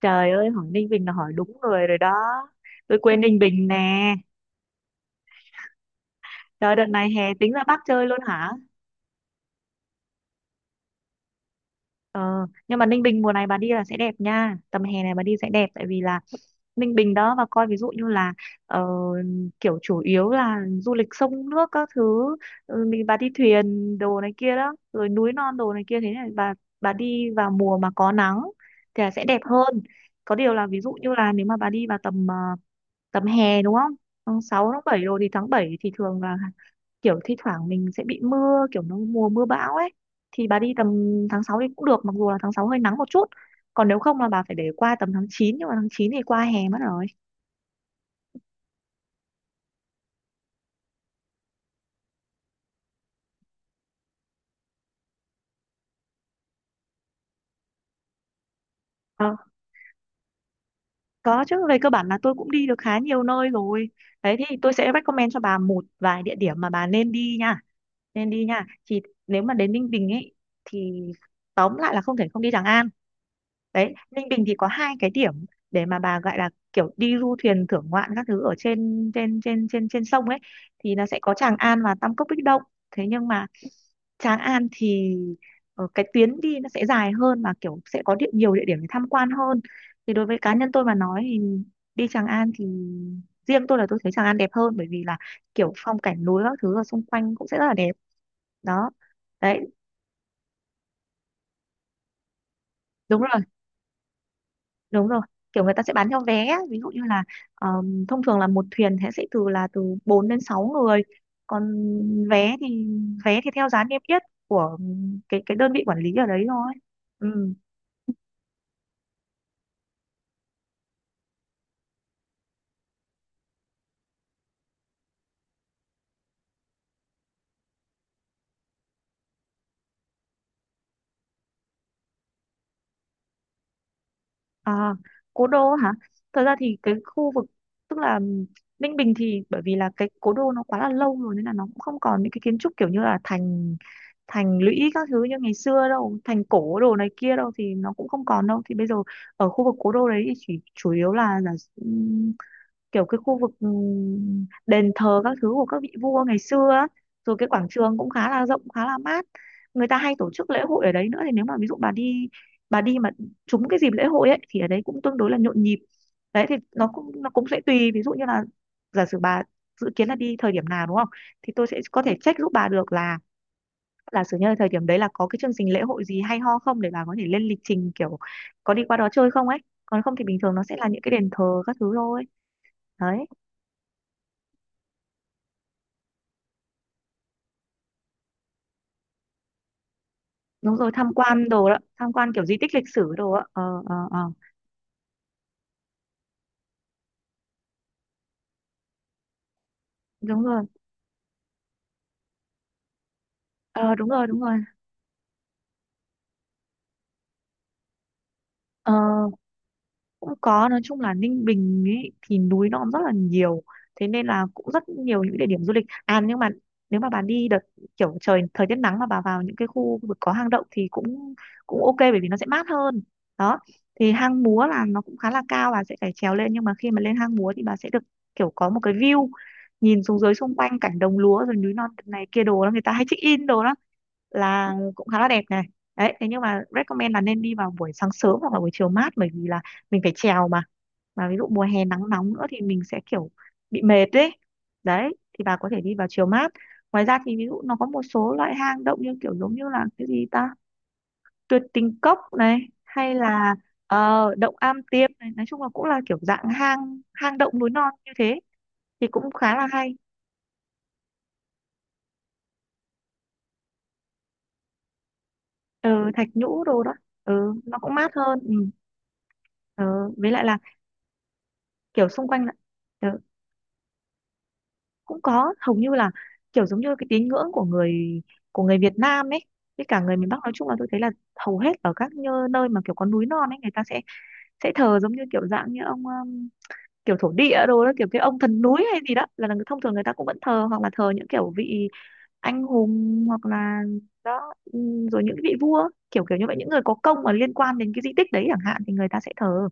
Trời ơi, hỏi Ninh Bình là hỏi đúng người rồi đó. Tôi quên Ninh Bình nè. Trời đợt này hè tính ra Bắc chơi luôn hả? Ờ, nhưng mà Ninh Bình mùa này bà đi là sẽ đẹp nha, tầm hè này bà đi sẽ đẹp, tại vì là Ninh Bình đó. Và coi ví dụ như là ờ, kiểu chủ yếu là du lịch sông nước các thứ. Mình bà đi thuyền đồ này kia đó, rồi núi non đồ này kia, thế này bà đi vào mùa mà có nắng thì là sẽ đẹp hơn. Có điều là ví dụ như là nếu mà bà đi vào tầm hè đúng không, tháng 6 tháng 7, rồi thì tháng 7 thì thường là kiểu thi thoảng mình sẽ bị mưa, kiểu nó mùa mưa bão ấy, thì bà đi tầm tháng 6 thì cũng được, mặc dù là tháng 6 hơi nắng một chút. Còn nếu không là bà phải để qua tầm tháng 9, nhưng mà tháng 9 thì qua hè mất rồi. Ờ, có chứ, về cơ bản là tôi cũng đi được khá nhiều nơi rồi đấy, thì tôi sẽ recommend cho bà một vài địa điểm mà bà nên đi nha. Thì nếu mà đến Ninh Bình ấy thì tóm lại là không thể không đi Tràng An. Đấy Ninh Bình thì có hai cái điểm để mà bà gọi là kiểu đi du thuyền thưởng ngoạn các thứ ở trên trên trên trên trên sông ấy, thì nó sẽ có Tràng An và Tam Cốc Bích Động. Thế nhưng mà Tràng An thì cái tuyến đi nó sẽ dài hơn, mà kiểu sẽ có nhiều địa điểm để tham quan hơn. Thì đối với cá nhân tôi mà nói thì đi Tràng An thì riêng tôi là tôi thấy Tràng An đẹp hơn, bởi vì là kiểu phong cảnh núi các thứ ở xung quanh cũng sẽ rất là đẹp. Đó. Đấy. Đúng. Đúng rồi, kiểu người ta sẽ bán theo vé á. Ví dụ như là thông thường là một thuyền thế sẽ từ 4 đến 6 người. Còn vé thì vé thì theo giá niêm yết của cái đơn vị quản lý ở đấy thôi. Ừ. À, cố đô hả, thật ra thì cái khu vực tức là Ninh Bình thì bởi vì là cái cố đô nó quá là lâu rồi, nên là nó cũng không còn những cái kiến trúc kiểu như là thành thành lũy các thứ như ngày xưa đâu, thành cổ đồ này kia đâu thì nó cũng không còn đâu. Thì bây giờ ở khu vực cố đô đấy thì chỉ chủ yếu là kiểu cái khu vực đền thờ các thứ của các vị vua ngày xưa á. Rồi cái quảng trường cũng khá là rộng, khá là mát, người ta hay tổ chức lễ hội ở đấy nữa. Thì nếu mà ví dụ bà đi mà trúng cái dịp lễ hội ấy thì ở đấy cũng tương đối là nhộn nhịp. Đấy thì nó cũng sẽ tùy, ví dụ như là giả sử bà dự kiến là đi thời điểm nào đúng không, thì tôi sẽ có thể check giúp bà được là giả sử như là thời điểm đấy là có cái chương trình lễ hội gì hay ho không, để bà có thể lên lịch trình kiểu có đi qua đó chơi không ấy. Còn không thì bình thường nó sẽ là những cái đền thờ các thứ thôi. Đấy. Đúng rồi, tham quan đồ đó, tham quan kiểu di tích lịch sử đồ á. Ờ ờ ờ Đúng rồi. Ờ Đúng rồi. Đúng rồi. ờ Cũng có, nói chung là Ninh Bình ấy thì núi nó cũng rất là nhiều, thế nên là cũng rất nhiều những địa điểm du lịch. À nhưng mà nếu mà bà đi đợt kiểu trời thời tiết nắng mà bà vào những cái khu vực có hang động thì cũng cũng ok, bởi vì nó sẽ mát hơn. Đó thì hang múa là nó cũng khá là cao, bà sẽ phải trèo lên, nhưng mà khi mà lên hang múa thì bà sẽ được kiểu có một cái view nhìn xuống dưới xung quanh cảnh đồng lúa rồi núi non này kia đồ đó, người ta hay check in đồ đó, là cũng khá là đẹp này. Đấy thế nhưng mà recommend là nên đi vào buổi sáng sớm hoặc là buổi chiều mát, bởi vì là mình phải trèo mà ví dụ mùa hè nắng nóng nữa thì mình sẽ kiểu bị mệt đấy. Đấy thì bà có thể đi vào chiều mát. Ngoài ra thì ví dụ nó có một số loại hang động như kiểu giống như là cái gì ta, tuyệt tình cốc này, hay là động am tiêm này, nói chung là cũng là kiểu dạng hang hang động núi non như thế thì cũng khá là hay. Ừ, thạch nhũ đồ đó. Ừ, nó cũng mát hơn. Ừ. Ừ, với lại là kiểu xung quanh là, ừ, cũng có. Hầu như là kiểu giống như cái tín ngưỡng của người Việt Nam ấy. Với cả người miền Bắc nói chung là tôi thấy là hầu hết ở các nơi mà kiểu có núi non ấy, người ta sẽ thờ giống như kiểu dạng như ông kiểu thổ địa đồ đó, kiểu cái ông thần núi hay gì đó là thông thường người ta cũng vẫn thờ, hoặc là thờ những kiểu vị anh hùng hoặc là đó, rồi những vị vua kiểu kiểu như vậy, những người có công mà liên quan đến cái di tích đấy chẳng hạn thì người ta sẽ thờ.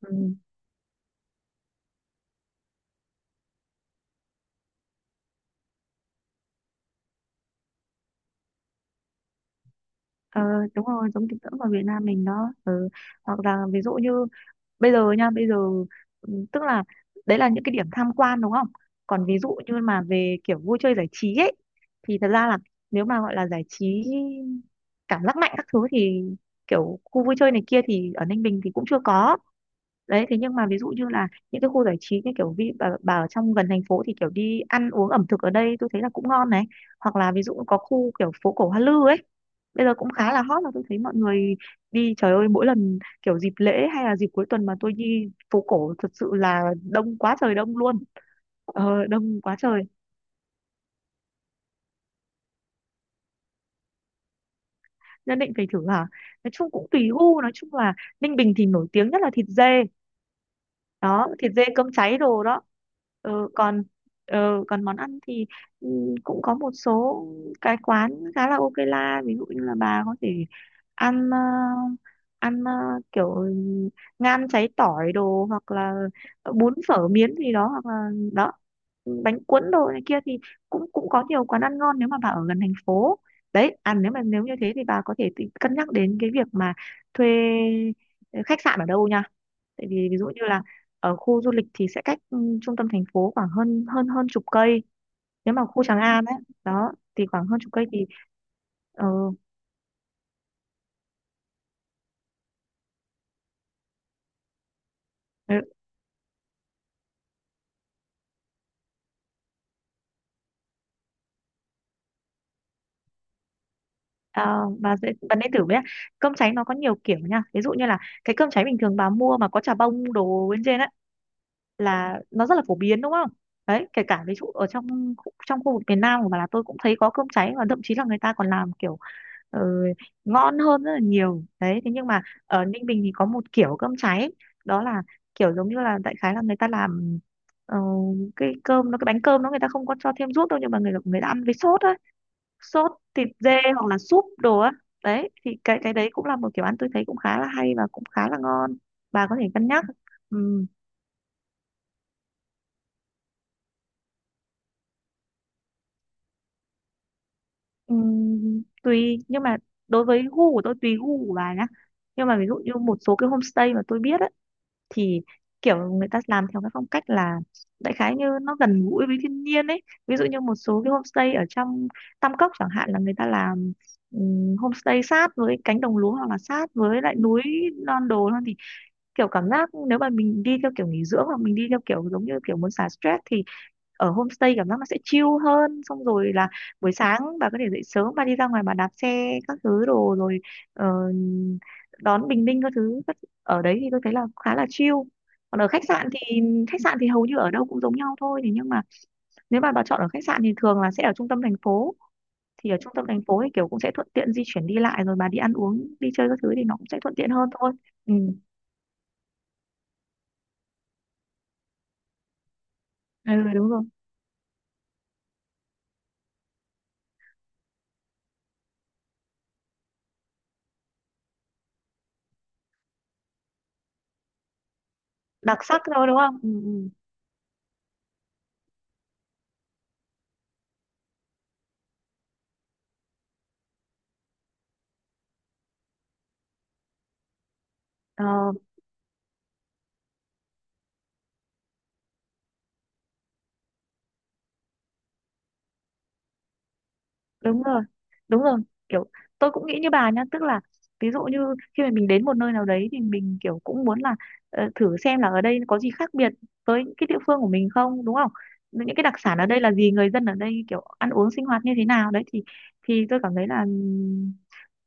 Ừ. ờ, Đúng rồi, giống tín ngưỡng của Việt Nam mình đó. Ừ. Hoặc là ví dụ như bây giờ nha, bây giờ tức là đấy là những cái điểm tham quan đúng không, còn ví dụ như mà về kiểu vui chơi giải trí ấy thì thật ra là nếu mà gọi là giải trí cảm giác mạnh các thứ thì kiểu khu vui chơi này kia thì ở Ninh Bình thì cũng chưa có. Đấy thế nhưng mà ví dụ như là những cái khu giải trí như kiểu bà ở trong gần thành phố thì kiểu đi ăn uống ẩm thực ở đây tôi thấy là cũng ngon này. Hoặc là ví dụ có khu kiểu phố cổ Hoa Lư ấy bây giờ cũng khá là hot, là tôi thấy mọi người đi trời ơi, mỗi lần kiểu dịp lễ hay là dịp cuối tuần mà tôi đi phố cổ thật sự là đông quá trời, đông luôn. Đông quá trời. Nhất định phải thử hả, nói chung cũng tùy gu, nói chung là Ninh Bình thì nổi tiếng nhất là thịt dê đó, thịt dê cơm cháy đồ đó. Còn còn món ăn thì ừ, cũng có một số cái quán khá là ok la, ví dụ như là bà có thể ăn ờ, ăn kiểu ngan cháy tỏi đồ, hoặc là bún phở miến gì đó, hoặc là đó bánh cuốn đồ này kia thì cũng cũng có nhiều quán ăn ngon nếu mà bà ở gần thành phố. Đấy ăn, nếu mà như thế thì bà có thể tự cân nhắc đến cái việc mà thuê khách sạn ở đâu nha, tại vì ví dụ như là ở khu du lịch thì sẽ cách trung tâm thành phố khoảng hơn hơn hơn chục cây nếu mà khu Tràng An ấy. Đó thì khoảng hơn chục cây thì ờ, ừ, và dễ bạn nên thử với ạ. Cơm cháy nó có nhiều kiểu nha, ví dụ như là cái cơm cháy bình thường bà mua mà có chả bông đồ bên trên ấy, là nó rất là phổ biến đúng không, đấy kể cả ví dụ ở trong trong khu vực miền Nam của bà là tôi cũng thấy có cơm cháy, và thậm chí là người ta còn làm kiểu ừ, ngon hơn rất là nhiều đấy. Thế nhưng mà ở Ninh Bình thì có một kiểu cơm cháy, đó là kiểu giống như là đại khái là người ta làm ờ, cái cơm nó cái bánh cơm nó người ta không có cho thêm ruốc đâu, nhưng mà người người ta ăn với sốt á, sốt thịt dê hoặc là súp đồ á. Đấy thì cái đấy cũng là một kiểu ăn tôi thấy cũng khá là hay và cũng khá là ngon, bà có thể cân nhắc. Ừ, ừ, tùy nhưng mà đối với gu của tôi, tùy gu của bà nhá, nhưng mà ví dụ như một số cái homestay mà tôi biết thì kiểu người ta làm theo cái phong cách là đại khái như nó gần gũi với thiên nhiên ấy. Ví dụ như một số cái homestay ở trong Tam Cốc chẳng hạn là người ta làm homestay sát với cánh đồng lúa hoặc là sát với lại núi non đồ non, thì kiểu cảm giác nếu mà mình đi theo kiểu nghỉ dưỡng hoặc mình đi theo kiểu giống như kiểu muốn xả stress, thì ở homestay cảm giác nó sẽ chill hơn. Xong rồi là buổi sáng bà có thể dậy sớm, bà đi ra ngoài bà đạp xe các thứ đồ rồi ờ, đón bình minh các thứ ở đấy thì tôi thấy là khá là chill. Còn ở khách sạn thì hầu như ở đâu cũng giống nhau thôi, thì nhưng mà nếu mà bà chọn ở khách sạn thì thường là sẽ ở trung tâm thành phố, thì ở trung tâm thành phố thì kiểu cũng sẽ thuận tiện di chuyển đi lại, rồi bà đi ăn uống đi chơi các thứ thì nó cũng sẽ thuận tiện hơn thôi. Ừ, ừ đúng rồi, đặc sắc thôi đúng không? Ừ, ừ. Ờ, đúng rồi, đúng rồi. Kiểu tôi cũng nghĩ như bà nhá, tức là ví dụ như khi mà mình đến một nơi nào đấy thì mình kiểu cũng muốn là thử xem là ở đây có gì khác biệt với những cái địa phương của mình không, đúng không? Những cái đặc sản ở đây là gì, người dân ở đây kiểu ăn uống sinh hoạt như thế nào đấy, thì tôi cảm thấy là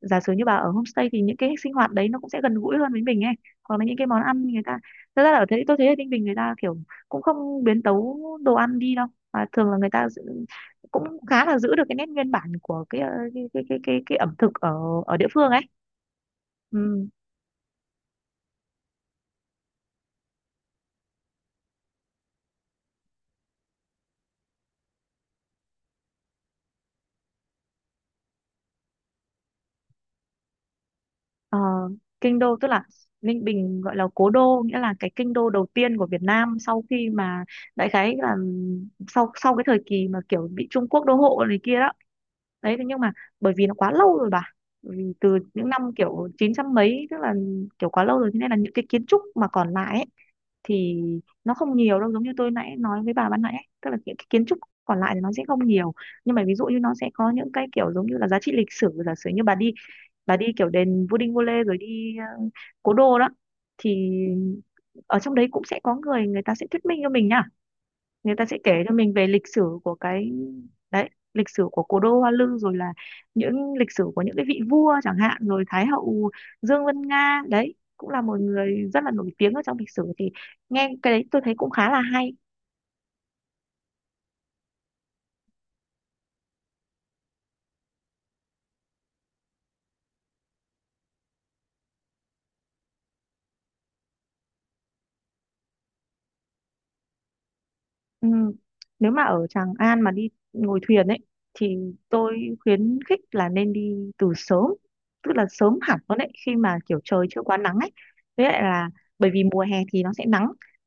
giả sử như bà ở homestay thì những cái sinh hoạt đấy nó cũng sẽ gần gũi hơn với mình ấy, hoặc là những cái món ăn người ta thật ra là ở thế tôi thấy ở Ninh Bình người ta kiểu cũng không biến tấu đồ ăn đi đâu, mà thường là cũng khá là giữ được cái nét nguyên bản của cái ờ, cái ẩm thực ở ở địa phương ấy. Ừ. Ờ, kinh đô tức là Ninh Bình gọi là cố đô, nghĩa là cái kinh đô đầu tiên của Việt Nam sau khi mà đại khái là sau sau cái thời kỳ mà kiểu bị Trung Quốc đô hộ này kia đó. Đấy thế nhưng mà bởi vì nó quá lâu rồi bà, bởi vì từ những năm kiểu chín trăm mấy, tức là kiểu quá lâu rồi thế nên là những cái kiến trúc mà còn lại ấy, thì nó không nhiều đâu, giống như tôi nãy nói với bà ban nãy ấy, tức là những cái kiến trúc còn lại thì nó sẽ không nhiều, nhưng mà ví dụ như nó sẽ có những cái kiểu giống như là giá trị lịch sử. Giả sử như bà đi, bà đi kiểu đền Vua Đinh Vua Lê rồi đi cố đô đó, thì ở trong đấy cũng sẽ có người người ta sẽ thuyết minh cho mình nha, người ta sẽ kể cho mình về lịch sử của cái đấy, lịch sử của cố đô Hoa Lư, rồi là những lịch sử của những cái vị vua chẳng hạn, rồi Thái hậu Dương Vân Nga, đấy cũng là một người rất là nổi tiếng ở trong lịch sử, thì nghe cái đấy tôi thấy cũng khá là hay. Ừ. Nếu mà ở Tràng An mà đi ngồi thuyền ấy thì tôi khuyến khích là nên đi từ sớm, tức là sớm hẳn luôn đấy, khi mà kiểu trời chưa quá nắng ấy, với lại là bởi vì mùa hè thì nó sẽ nắng,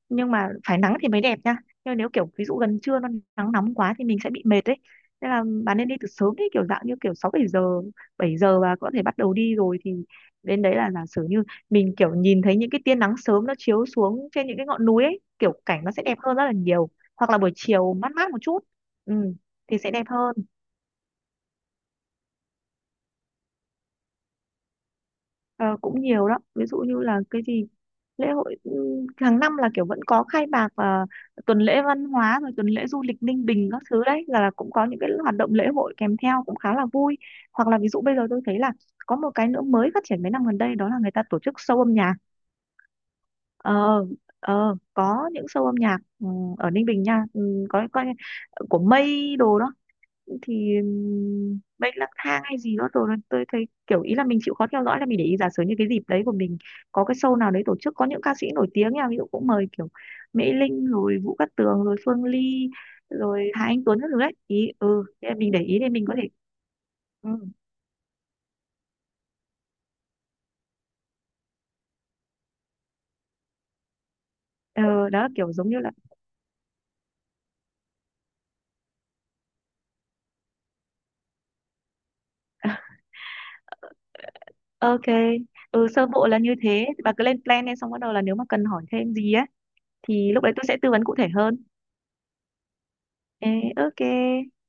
nhưng mà phải nắng thì mới đẹp nha, nhưng nếu kiểu ví dụ gần trưa nó nắng nóng quá thì mình sẽ bị mệt ấy, nên là bạn nên đi từ sớm đấy, kiểu dạng như kiểu sáu bảy giờ, 7 giờ và có thể bắt đầu đi rồi, thì đến đấy là giả sử như mình kiểu nhìn thấy những cái tia nắng sớm nó chiếu xuống trên những cái ngọn núi ấy, kiểu cảnh nó sẽ đẹp hơn rất là nhiều, hoặc là buổi chiều mát mát một chút, ừ, thì sẽ đẹp hơn. Ờ, cũng nhiều đó, ví dụ như là cái gì lễ hội, ừ, hàng năm là kiểu vẫn có khai mạc, và tuần lễ văn hóa rồi tuần lễ du lịch Ninh Bình các thứ đấy, là cũng có những cái hoạt động lễ hội kèm theo cũng khá là vui. Hoặc là ví dụ bây giờ tôi thấy là có một cái nữa mới phát triển mấy năm gần đây, đó là người ta tổ chức show âm nhạc. Ờ ờ có những show âm nhạc, ừ, ở Ninh Bình nha, ừ, có, của Mây đồ đó, thì bệnh lang thang hay gì đó. Rồi tôi thấy kiểu ý là mình chịu khó theo dõi, là mình để ý giả sử như cái dịp đấy của mình có cái show nào đấy tổ chức có những ca sĩ nổi tiếng nha, ví dụ cũng mời kiểu Mỹ Linh rồi Vũ Cát Tường rồi Phương Ly rồi Hà Anh Tuấn các thứ đấy ý, ừ thế là mình để ý để mình có thể, ừ, ờ, đó kiểu giống như là ok. Ừ sơ bộ là như thế, bà cứ lên plan lên xong bắt đầu là nếu mà cần hỏi thêm gì á thì lúc đấy tôi sẽ tư vấn cụ thể hơn. Ê, ok.